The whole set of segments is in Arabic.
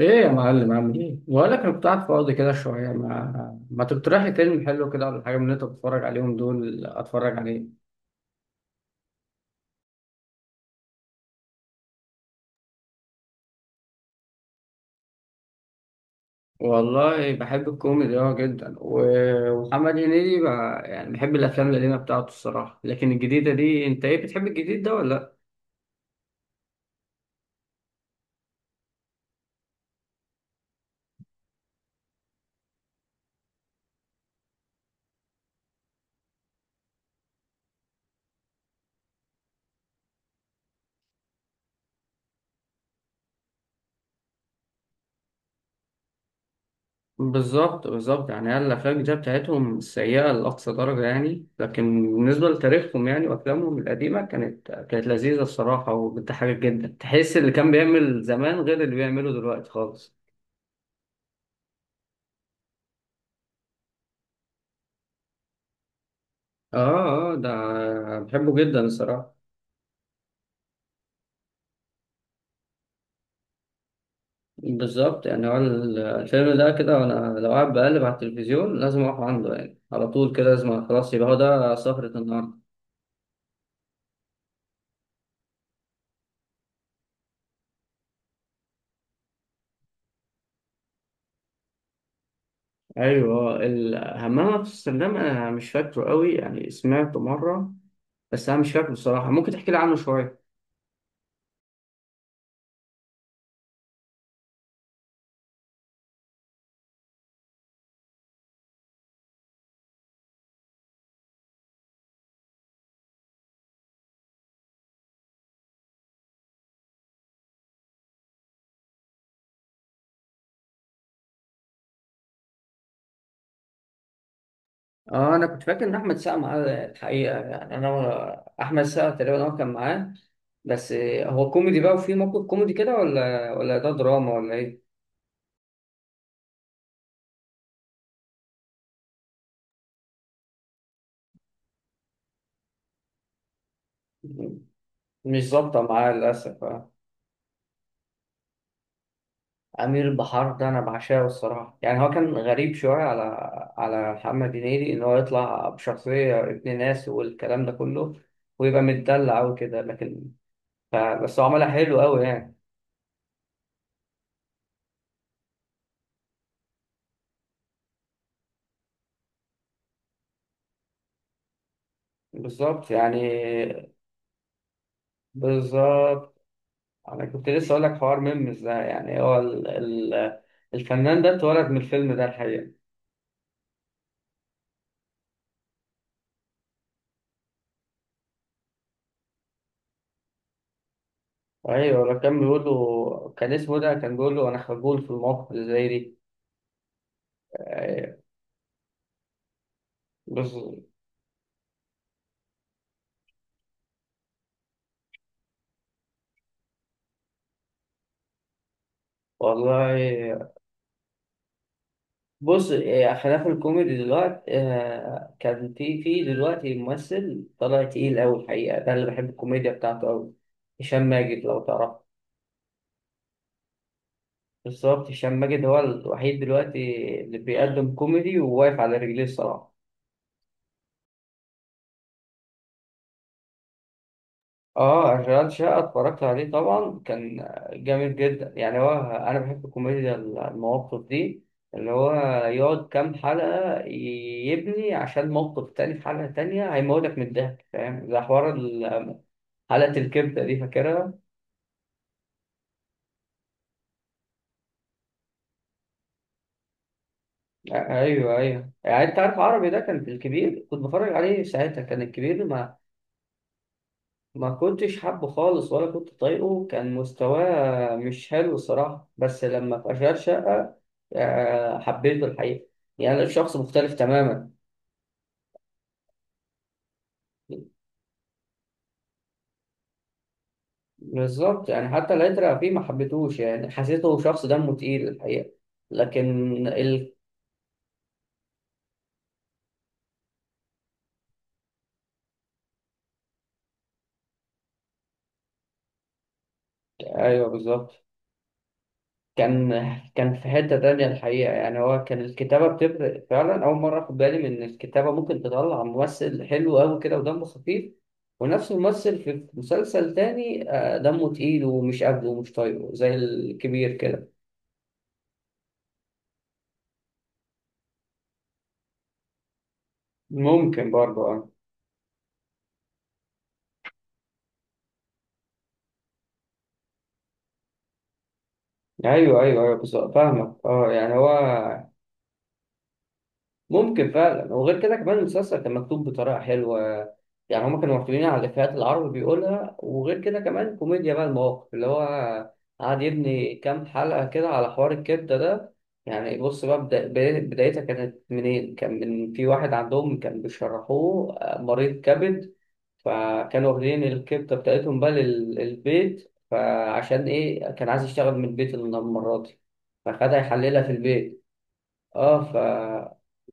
ايه يا معلم؟ عامل ايه؟ بقول لك انا كنت قاعد فاضي كده شويه، ما تقترح لي فيلم حلو كده ولا حاجه من اللي انت بتتفرج عليهم دول اتفرج عليه. والله بحب الكوميدي اه جدا ومحمد هنيدي بقى، يعني بحب الافلام القديمه بتاعته الصراحه، لكن الجديده دي، انت ايه، بتحب الجديد ده ولا لا؟ بالظبط، يعني هي الافلام الجديده بتاعتهم سيئه لاقصى درجه يعني، لكن بالنسبه لتاريخهم يعني وافلامهم القديمه، كانت لذيذه الصراحه وبتضحك جدا. تحس اللي كان بيعمل زمان غير اللي بيعمله دلوقتي خالص. اه ده بحبه جدا الصراحة. بالظبط، يعني هو الفيلم ده كده، وانا لو قاعد بقلب على التلفزيون لازم اقف عنده يعني، على طول كده، لازم خلاص يبقى هو ده سهرة النهاردة. ايوه، الهمام في امستردام انا مش فاكره قوي، يعني سمعته مره بس انا مش فاكره بصراحه، ممكن تحكي لي عنه شويه. اه انا كنت فاكر ان احمد سقا معاه الحقيقة، يعني احمد سقا تقريبا هو كان معاه. بس هو كوميدي بقى وفي موقف كوميدي كده، ولا ده دراما ولا ايه؟ مش ظابطة معاه للأسف آه. أمير البحار ده أنا بعشقه الصراحة، يعني هو كان غريب شوية على على محمد هنيدي إن هو يطلع بشخصية ابن ناس والكلام ده كله ويبقى متدلع وكده، لكن بس هو عملها حلو أوي يعني. بالظبط يعني بالظبط، أنا كنت لسه أقول لك حوار ميمز ده، يعني هو الفنان ده اتولد من الفيلم ده الحقيقة. أيوة، لو كان بيقول له كان اسمه ده، كان بيقول له أنا خجول في المواقف اللي زي دي. أيوة، بس. والله بص إيه، خلاف الكوميدي دلوقتي آه، كان في دلوقتي ممثل طلع تقيل أوي الحقيقة، ده اللي بحب الكوميديا بتاعته أوي. هشام ماجد، لو تعرف. بالظبط، هشام ماجد هو الوحيد دلوقتي اللي بيقدم كوميدي وواقف على رجليه الصراحة. اه، اشغال شقه اتفرجت عليه طبعا، كان جامد جدا يعني. هو انا بحب الكوميديا المواقف دي، اللي هو يقعد كام حلقه يبني عشان موقف تاني في حلقه تانية هيموتك من الضحك، فاهم؟ زي حوار حلقه الكبده دي، فاكرها؟ آه، ايوه ايوه، يعني انت عارف عربي ده كان في الكبير، كنت بتفرج عليه ساعتها كان الكبير، ما ما كنتش حابه خالص ولا كنت طايقه، كان مستواه مش حلو الصراحة، بس لما في أشغال شقة آه، حبيته الحقيقة. يعني أنا شخص مختلف تماما. بالظبط، يعني حتى العترة فيه ما حبيتهوش، يعني حسيته شخص دمه تقيل الحقيقة، لكن ال... أيوه بالظبط. كان كان في حتة تانية الحقيقة، يعني هو كان الكتابة بتفرق فعلا، أول مرة أخد بالي من إن الكتابة ممكن تطلع ممثل حلو أوي كده ودمه خفيف، ونفس الممثل في مسلسل تاني آه، دمه تقيل ومش قابله ومش طايقه زي الكبير كده. ممكن برضه أه. أيوه أيوه أيوه بالظبط، فاهمك أه. يعني هو ممكن فعلا. وغير كده كمان المسلسل كان مكتوب بطريقة حلوة، يعني هما كانوا معتمدين على الإفيهات اللي العربي بيقولها، وغير كده كمان كوميديا بقى المواقف، اللي هو قعد يبني كام حلقة كده على حوار الكبدة ده. يعني بص بقى، بدايتها كانت منين؟ كان من في واحد عندهم كان بيشرحوه آه، مريض كبد، فكانوا واخدين الكبدة بتاعتهم بقى للبيت، فعشان إيه كان عايز يشتغل من البيت المرة دي فخدها يحللها في البيت. اه ف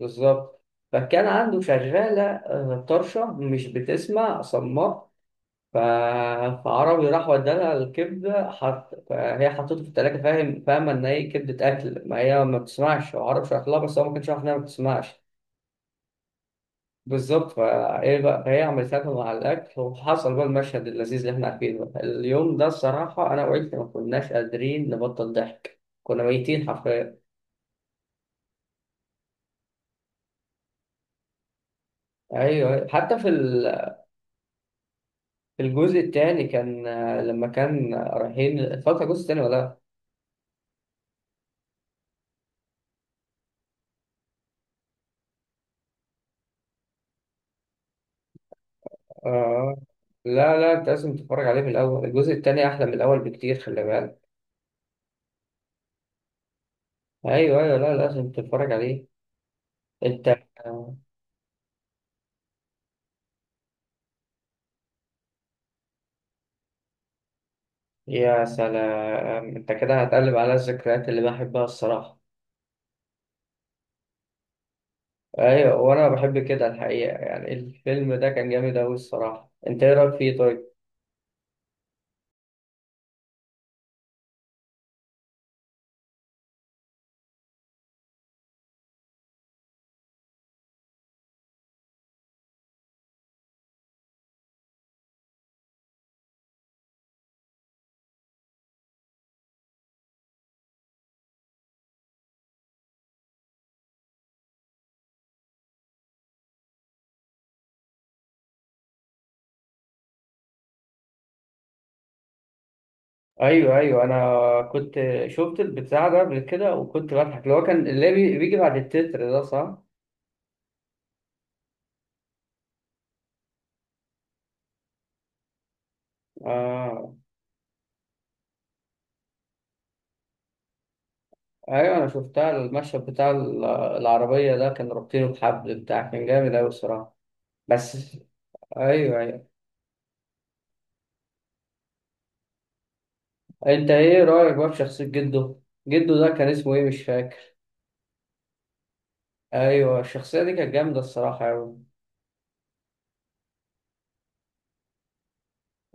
بالظبط، فكان عنده شغالة آه، طرشة مش بتسمع، صماء ف... فعربي راح ودالها الكبدة، فهي حطته في التلاجة، فاهم؟ فاهمة إن هي كبدة أكل، ما هي ما بتسمعش، وعربي شرح لها، بس هو ما كانش عارف إنها ما بتسمعش. بالظبط، فإيه بقى، فهي عملت لها مع الأكل وحصل بقى المشهد اللذيذ اللي إحنا عارفينه بقى. اليوم ده الصراحة أنا وعيلتي ما كناش قادرين نبطل ضحك، كنا ميتين حرفيا. ايوه، حتى في الجزء التاني كان آه، لما كان رايحين. اتفرجت على الجزء التاني ولا لا؟ اه لا لا، انت لازم تتفرج عليه من الاول، الجزء التاني احلى من الاول بكتير، خلي بالك. ايوه ايوه، لا لازم تتفرج عليه انت آه، يا سلام، انت كده هتقلب على الذكريات اللي بحبها الصراحه. ايوه وانا بحب كده الحقيقه، يعني الفيلم ده كان جامد اوي الصراحه، انت ايه رايك فيه طيب؟ ايوه ايوه، انا كنت شفت البتاع ده قبل كده وكنت بضحك، اللي هو كان اللي بيجي بعد التتر، ده صح؟ اه ايوه، انا شفتها المشهد بتاع العربيه ده، كان رابطينه بحبل بتاع، كان جامد اوي الصراحه. بس ايوه ايوه، انت ايه رايك بقى في شخصيه جده؟ جده ده كان اسمه ايه مش فاكر. ايوه الشخصيه دي كانت جامده الصراحه اوي.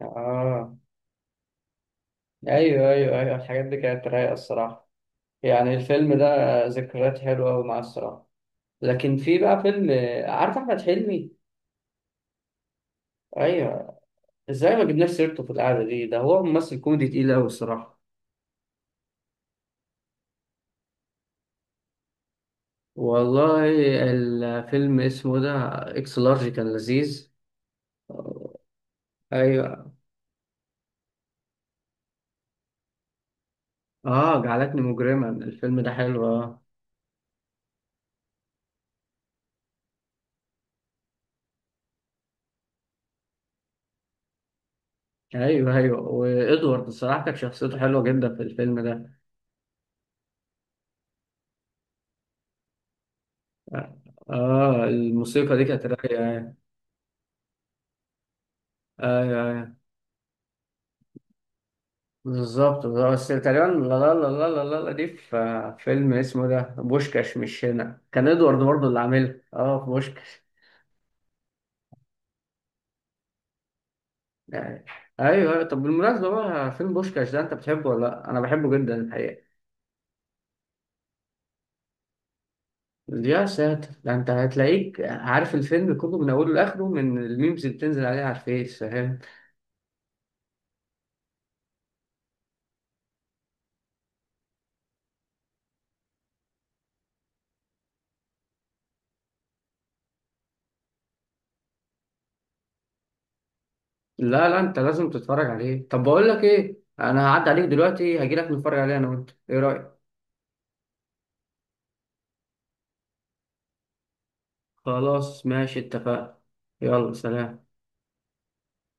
اه ايوه ايوه ايوه، الحاجات دي كانت رايقه الصراحه. يعني الفيلم ده ذكريات حلوه اوي معاه الصراحه، لكن في بقى فيلم. عارف احمد حلمي؟ ايوه، ازاي ما جبناش سيرته في القعده دي؟ ده هو ممثل كوميدي تقيل اوي الصراحه. والله الفيلم اسمه ده، اكس لارج، كان لذيذ. آه، ايوه، اه جعلتني مجرما، الفيلم ده حلو اه. ايوه ايوه، وادوارد الصراحه كانت شخصيته حلوه جدا في الفيلم ده. اه آه، الموسيقى دي كانت رايقه يعني. ايوه ايوه بالظبط، بس تقريبا لا لا لا لا لا لا لا دي في فيلم اسمه ده بوشكاش مش هنا، كان ادوارد برضه اللي عاملها اه في بوشكاش. يعني. ايوه أيوة. طب بالمناسبه بقى، فيلم بوشكاش ده انت بتحبه ولا لا؟ انا بحبه جدا الحقيقه. يا ساتر، ده انت هتلاقيك عارف الفيلم كله من اوله لاخره من الميمز اللي بتنزل عليه على الفيس، فاهم؟ لا لا انت لازم تتفرج عليه. طب بقول لك ايه، انا هعدي عليك دلوقتي هجيلك نتفرج عليه انا وانت، ايه رايك؟ خلاص ماشي اتفقنا، يلا سلام.